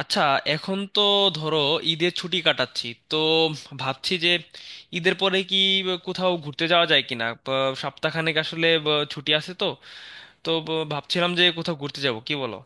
আচ্ছা, এখন তো ধরো ঈদের ছুটি কাটাচ্ছি। তো ভাবছি যে ঈদের পরে কি কোথাও ঘুরতে যাওয়া যায় কিনা। সপ্তাহখানেক আসলে ছুটি আছে তো তো ব- ভাবছিলাম যে কোথাও ঘুরতে যাব, কি বলো?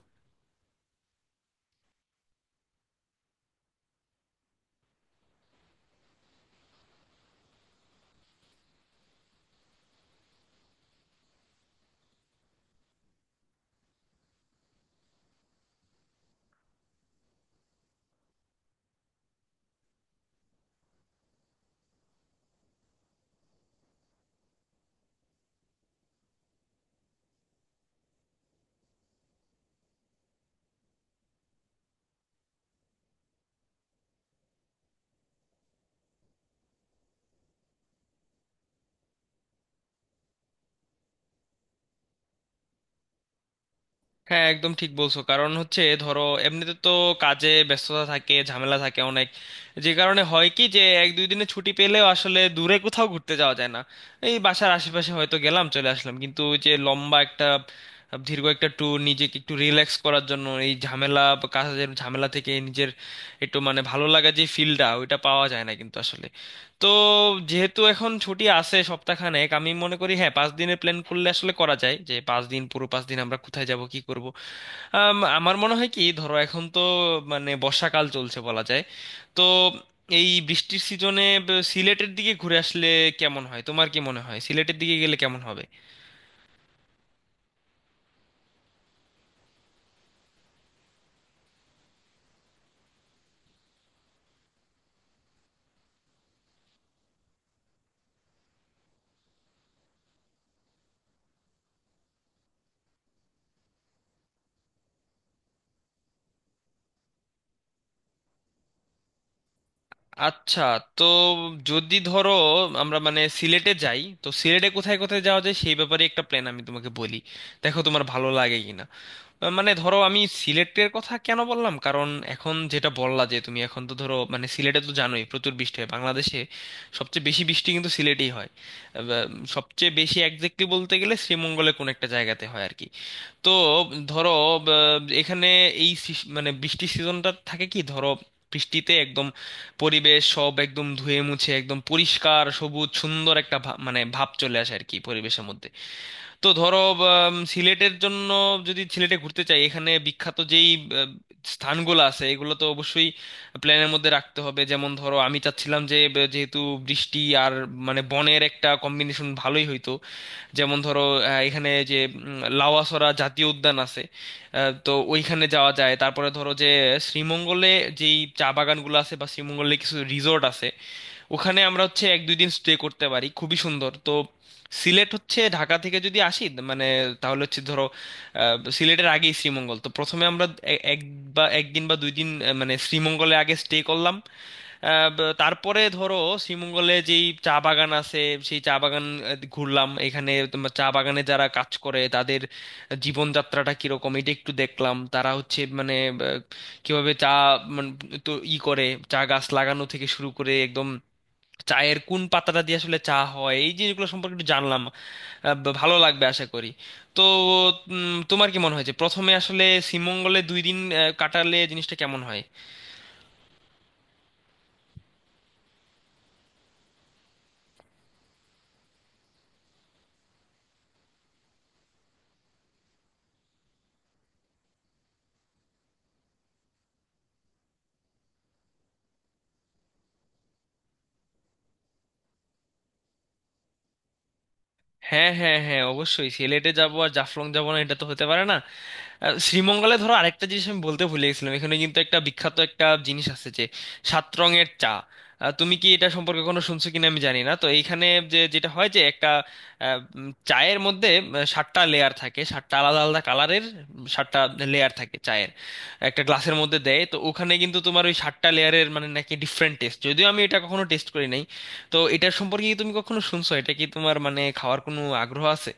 হ্যাঁ, একদম ঠিক বলছো। কারণ হচ্ছে ধরো এমনিতে তো কাজে ব্যস্ততা থাকে, ঝামেলা থাকে অনেক। যে কারণে হয় কি যে 1 2 দিনে ছুটি পেলেও আসলে দূরে কোথাও ঘুরতে যাওয়া যায় না। এই বাসার আশেপাশে হয়তো গেলাম, চলে আসলাম, কিন্তু ওই যে লম্বা একটা দীর্ঘ একটা ট্যুর নিজেকে একটু রিল্যাক্স করার জন্য এই ঝামেলা বা কাজের ঝামেলা থেকে নিজের একটু মানে ভালো লাগা যে ফিলটা ওইটা পাওয়া যায় না কিন্তু আসলে। তো যেহেতু এখন ছুটি আছে সপ্তাহখানেক, আমি মনে করি হ্যাঁ, 5 দিনের প্ল্যান করলে আসলে করা যায়, যে 5 দিন পুরো 5 দিন আমরা কোথায় যাব, কি করব। আমার মনে হয় কি, ধরো এখন তো মানে বর্ষাকাল চলছে বলা যায়। তো এই বৃষ্টির সিজনে সিলেটের দিকে ঘুরে আসলে কেমন হয়? তোমার কি মনে হয়, সিলেটের দিকে গেলে কেমন হবে? আচ্ছা। তো যদি ধরো আমরা মানে সিলেটে যাই, তো সিলেটে কোথায় কোথায় যাওয়া যায় সেই ব্যাপারে একটা প্ল্যান আমি তোমাকে বলি, দেখো তোমার ভালো লাগে কিনা। মানে ধরো আমি সিলেটের কথা কেন বললাম? কারণ এখন যেটা বললা, যে তুমি এখন তো ধরো মানে সিলেটে তো জানোই প্রচুর বৃষ্টি হয়, বাংলাদেশে সবচেয়ে বেশি বৃষ্টি কিন্তু সিলেটেই হয়। আহ, সবচেয়ে বেশি, একজ্যাক্টলি বলতে গেলে শ্রীমঙ্গলে কোন একটা জায়গাতে হয় আর কি। তো ধরো আহ, এখানে মানে বৃষ্টির সিজনটা থাকে কি, ধরো বৃষ্টিতে একদম পরিবেশ সব একদম ধুয়ে মুছে একদম পরিষ্কার সবুজ সুন্দর একটা মানে ভাব চলে আসে আর কি পরিবেশের মধ্যে। তো ধরো সিলেটের জন্য, যদি সিলেটে ঘুরতে চাই, এখানে বিখ্যাত যেই আহ, স্থানগুলো আছে এগুলো তো অবশ্যই প্ল্যানের মধ্যে রাখতে হবে। যেমন ধরো আমি চাচ্ছিলাম যে যেহেতু বৃষ্টি আর মানে বনের একটা কম্বিনেশন ভালোই হইতো। যেমন ধরো এখানে যে লাউয়াছড়া জাতীয় উদ্যান আছে। তো ওইখানে যাওয়া যায়। তারপরে ধরো যে শ্রীমঙ্গলে যেই চা বাগানগুলো আছে বা শ্রীমঙ্গলে কিছু রিসোর্ট আছে, ওখানে আমরা হচ্ছে 1 2 দিন স্টে করতে পারি, খুবই সুন্দর। তো সিলেট হচ্ছে ঢাকা থেকে যদি আসি, মানে তাহলে হচ্ছে ধরো সিলেটের আগেই শ্রীমঙ্গল, তো প্রথমে আমরা এক বা একদিন বা 2 দিন মানে শ্রীমঙ্গলে আগে স্টে করলাম। তারপরে ধরো শ্রীমঙ্গলে যেই চা বাগান আছে সেই চা বাগান ঘুরলাম। এখানে তোমার চা বাগানে যারা কাজ করে তাদের জীবনযাত্রাটা কিরকম এটা একটু দেখলাম, তারা হচ্ছে মানে কিভাবে চা, মানে তো ই করে, চা গাছ লাগানো থেকে শুরু করে একদম চায়ের কোন পাতাটা দিয়ে আসলে চা হয় এই জিনিসগুলো সম্পর্কে একটু জানলাম। বা ভালো লাগবে আশা করি। তো তোমার কি মনে হয় যে প্রথমে আসলে শ্রীমঙ্গলে 2 দিন কাটালে জিনিসটা কেমন হয়? হ্যাঁ, হ্যাঁ, হ্যাঁ, অবশ্যই সিলেটে যাবো, আর জাফলং যাবো না এটা তো হতে পারে না। শ্রীমঙ্গলে ধরো আরেকটা জিনিস আমি বলতে ভুলে গেছিলাম, এখানে কিন্তু একটা বিখ্যাত একটা জিনিস আছে, যে সাত রঙের চা। তুমি কি এটা সম্পর্কে কোনো শুনছো কিনা আমি জানি না। তো এইখানে যেটা হয় যে একটা চায়ের মধ্যে 7টা লেয়ার থাকে, 7টা আলাদা আলাদা কালারের 7টা লেয়ার থাকে চায়ের, একটা গ্লাসের মধ্যে দেয়। তো ওখানে কিন্তু তোমার ওই 7টা লেয়ারের মানে নাকি ডিফারেন্ট টেস্ট, যদিও আমি এটা কখনো টেস্ট করি নাই। তো এটার সম্পর্কে কি তুমি কখনো শুনছো? এটা কি তোমার মানে খাওয়ার কোনো আগ্রহ আছে?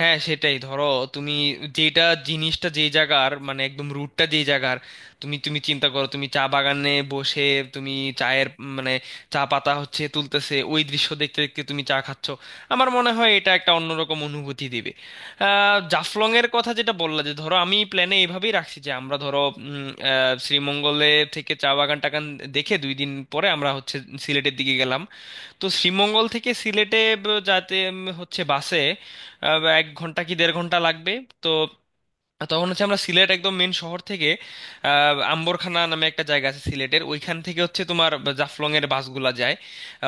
হ্যাঁ, সেটাই ধরো তুমি, যেটা জিনিসটা যে জায়গার মানে একদম রুটটা যে জায়গার। তুমি তুমি চিন্তা করো, তুমি চা বাগানে বসে তুমি চায়ের মানে চা পাতা হচ্ছে তুলতেছে ওই দৃশ্য দেখতে দেখতে তুমি চা খাচ্ছ। আমার মনে হয় এটা একটা অন্যরকম অনুভূতি দিবে। জাফলং এর কথা যেটা বললা, যে ধরো আমি প্ল্যানে এইভাবেই রাখছি যে আমরা ধরো শ্রীমঙ্গলে থেকে চা বাগান টাগান দেখে 2 দিন পরে আমরা হচ্ছে সিলেটের দিকে গেলাম। তো শ্রীমঙ্গল থেকে সিলেটে যাতে হচ্ছে বাসে 1 ঘন্টা কি দেড় ঘন্টা লাগবে। তো তখন হচ্ছে আমরা সিলেট একদম মেন শহর থেকে, আম্বরখানা নামে একটা জায়গা আছে সিলেটের, ওইখান থেকে হচ্ছে তোমার জাফলং এর বাসগুলা যায়।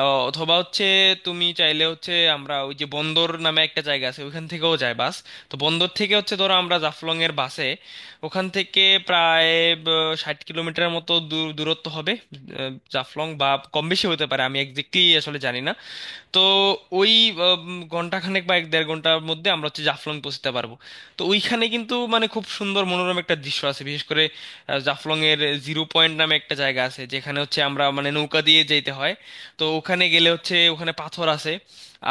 আহ, অথবা হচ্ছে তুমি চাইলে হচ্ছে আমরা ওই যে বন্দর নামে একটা জায়গা আছে, ওইখান থেকেও যায় বাস। তো বন্দর থেকে হচ্ছে ধরো আমরা জাফলং এর বাসে, ওখান থেকে প্রায় 60 কিলোমিটার মতো দূর দূরত্ব হবে জাফলং বা, কম বেশি হতে পারে, আমি একজ্যাক্টলি আসলে জানি না। তো ওই ঘন্টা খানেক বা এক দেড় ঘন্টার মধ্যে আমরা হচ্ছে জাফলং জাফলং পৌঁছতে পারবো। তো ওইখানে কিন্তু মানে খুব সুন্দর মনোরম একটা দৃশ্য আছে, বিশেষ করে জাফলং এর জিরো পয়েন্ট নামে একটা জায়গা আছে যেখানে হচ্ছে আমরা মানে নৌকা দিয়ে যেতে হয়। তো ওখানে গেলে হচ্ছে ওখানে পাথর আছে,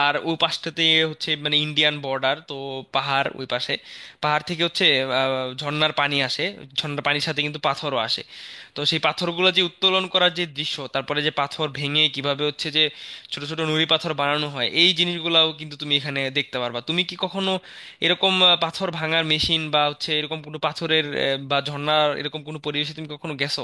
আর ওই পাশটাতে হচ্ছে মানে ইন্ডিয়ান বর্ডার, তো পাহাড় ওই পাশে। পাহাড় থেকে হচ্ছে ঝর্ণার পানি আসে, ঝর্ণার পানির সাথে কিন্তু পাথরও আসে। তো সেই পাথরগুলো যে উত্তোলন করার যে দৃশ্য, তারপরে যে পাথর ভেঙে কিভাবে হচ্ছে যে ছোট ছোট নুড়ি পাথর বানানো হয় এই জিনিসগুলাও কিন্তু তুমি এখানে দেখতে পারবা। তুমি কি কখনো এরকম পাথর ভাঙার মেশিন বা হচ্ছে এরকম কোনো পাথরের বা ঝর্ণার এরকম কোনো পরিবেশে তুমি কখনো গেছো?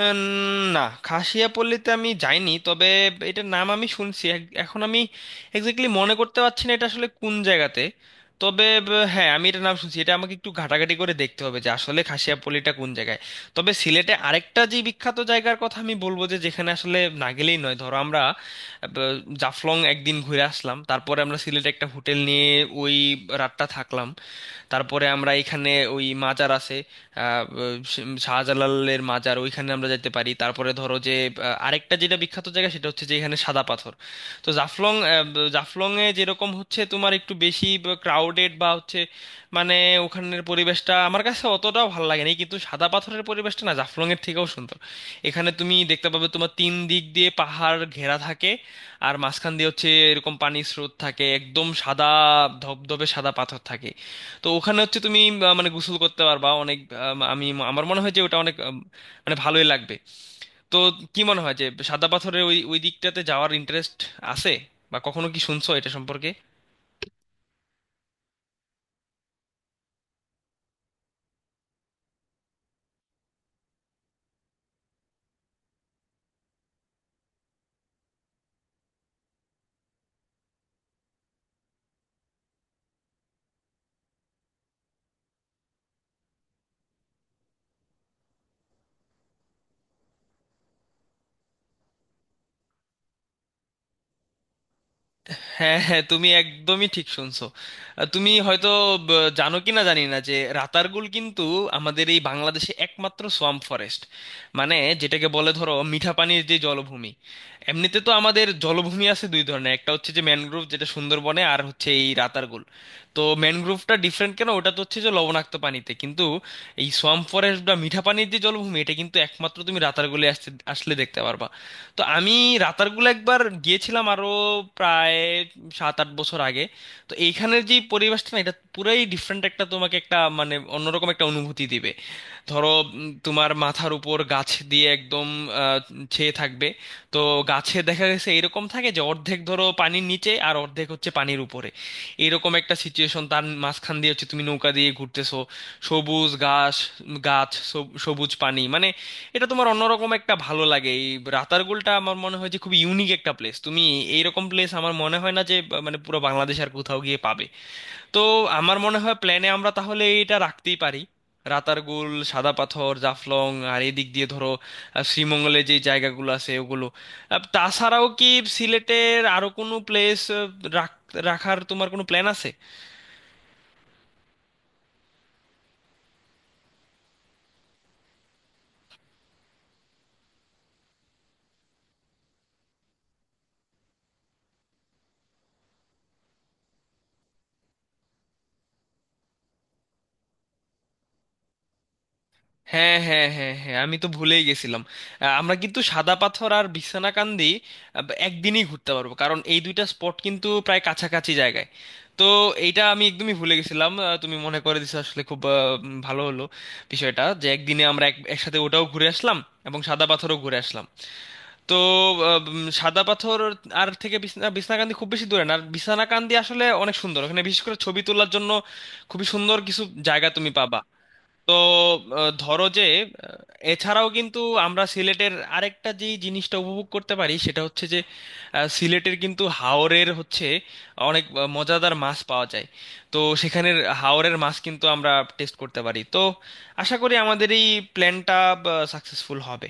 উম, না, খাসিয়াপল্লিতে আমি যাইনি, তবে এটার নাম আমি শুনছি। এখন আমি এক্স্যাক্টলি মনে করতে পারছি না এটা আসলে কোন জায়গাতে। তবে হ্যাঁ, আমি এটার নাম শুনছি, এটা আমাকে একটু ঘাটাঘাটি করে দেখতে হবে যে আসলে খাসিয়াপল্লিটা কোন জায়গায়। তবে সিলেটে আরেকটা যে বিখ্যাত জায়গার কথা আমি বলবো, যে যেখানে আসলে না গেলেই নয়। ধরো আমরা জাফলং একদিন ঘুরে আসলাম, তারপরে আমরা সিলেটে একটা হোটেল নিয়ে ওই রাতটা থাকলাম। তারপরে আমরা এখানে ওই মাজার আছে, আহ, শাহজালালের মাজার, ওইখানে আমরা যেতে পারি। তারপরে ধরো যে আরেকটা যেটা বিখ্যাত জায়গা, সেটা হচ্ছে যে এখানে সাদা পাথর। তো জাফলংয়ে যেরকম হচ্ছে তোমার একটু বেশি ক্রাউডেড, বা হচ্ছে মানে ওখানের পরিবেশটা আমার কাছে অতটাও ভালো লাগেনি, কিন্তু সাদা পাথরের পরিবেশটা না জাফলং এর থেকেও সুন্দর। এখানে তুমি দেখতে পাবে তোমার তিন দিক দিয়ে পাহাড় ঘেরা থাকে, আর মাঝখান দিয়ে হচ্ছে এরকম পানির স্রোত থাকে, একদম সাদা ধবধবে সাদা পাথর থাকে। তো ওখানে হচ্ছে তুমি মানে গোসল করতে পারবা অনেক। আম, আমি আমার মনে হয় যে ওটা অনেক, মানে ভালোই লাগবে। তো কি মনে হয় যে সাদা পাথরের ওই ওই দিকটাতে যাওয়ার ইন্টারেস্ট আছে? বা কখনো কি শুনছো এটা সম্পর্কে? হ্যাঁ, হ্যাঁ, তুমি একদমই ঠিক শুনছো। তুমি হয়তো জানো কি না জানি না যে রাতারগুল কিন্তু আমাদের এই বাংলাদেশে একমাত্র সোয়াম্প ফরেস্ট, মানে যেটাকে বলে ধরো মিঠা পানির যে জলভূমি। এমনিতে তো আমাদের জলভূমি আছে দুই ধরনের, একটা হচ্ছে যে ম্যানগ্রোভ যেটা সুন্দরবনে, আর হচ্ছে এই রাতারগুল। তো ম্যানগ্রোভটা ডিফারেন্ট কেন? ওটা তো হচ্ছে যে লবণাক্ত পানিতে, কিন্তু এই সোয়াম্প ফরেস্ট বা মিঠা পানির যে জলভূমি এটা কিন্তু একমাত্র তুমি রাতারগুলে আসতে আসলে দেখতে পারবা। তো আমি রাতারগুল একবার গিয়েছিলাম, আরো প্রায় 7 8 বছর আগে। তো এইখানের যে পরিবেশটা না এটা পুরাই ডিফারেন্ট, একটা তোমাকে একটা মানে অন্যরকম একটা অনুভূতি দিবে। ধরো তোমার মাথার উপর গাছ দিয়ে একদম আহ, ছেয়ে থাকবে। তো গাছে দেখা গেছে এরকম থাকে যে অর্ধেক ধরো পানির নিচে আর অর্ধেক হচ্ছে পানির উপরে, এরকম একটা সিচুয়েশন। তার মাঝখান দিয়ে হচ্ছে তুমি নৌকা দিয়ে ঘুরতেছো, সবুজ ঘাস, গাছ, সবুজ পানি, মানে এটা তোমার অন্যরকম একটা ভালো লাগে। এই রাতারগুলটা আমার মনে হয় যে খুব ইউনিক একটা প্লেস, তুমি এইরকম প্লেস আমার মনে হয় না যে মানে পুরো বাংলাদেশ আর কোথাও গিয়ে পাবে। তো আমার মনে হয় প্ল্যানে আমরা তাহলে এটা রাখতেই পারি — রাতারগুল, সাদা পাথর, জাফলং, আর এদিক দিয়ে ধরো শ্রীমঙ্গলে যে জায়গাগুলো আছে ওগুলো। তাছাড়াও কি সিলেটের আরো কোনো প্লেস রাখার তোমার কোনো প্ল্যান আছে? হ্যাঁ, হ্যাঁ, হ্যাঁ, হ্যাঁ, আমি তো ভুলেই গেছিলাম। আমরা কিন্তু সাদা পাথর আর বিছনাকান্দি আহ, একদিনই ঘুরতে পারবো, কারণ এই দুইটা স্পট কিন্তু প্রায় কাছাকাছি জায়গায়। তো এইটা আমি একদমই ভুলে গেছিলাম, তুমি মনে করে দিছো আসলে, খুব ভালো হলো বিষয়টা যে একদিনে আমরা একসাথে ওটাও ঘুরে আসলাম এবং সাদা পাথরও ঘুরে আসলাম। তো সাদা পাথর আর থেকে বিছনাকান্দি খুব বেশি দূরে না। আর বিছনাকান্দি আসলে অনেক সুন্দর, ওখানে বিশেষ করে ছবি তোলার জন্য খুবই সুন্দর কিছু জায়গা তুমি পাবা। তো ধরো যে এছাড়াও কিন্তু আমরা সিলেটের আরেকটা যে জিনিসটা উপভোগ করতে পারি সেটা হচ্ছে যে সিলেটের কিন্তু হাওরের হচ্ছে অনেক মজাদার মাছ পাওয়া যায়। তো সেখানের হাওরের মাছ কিন্তু আমরা টেস্ট করতে পারি। তো আশা করি আমাদের এই প্ল্যানটা সাকসেসফুল হবে।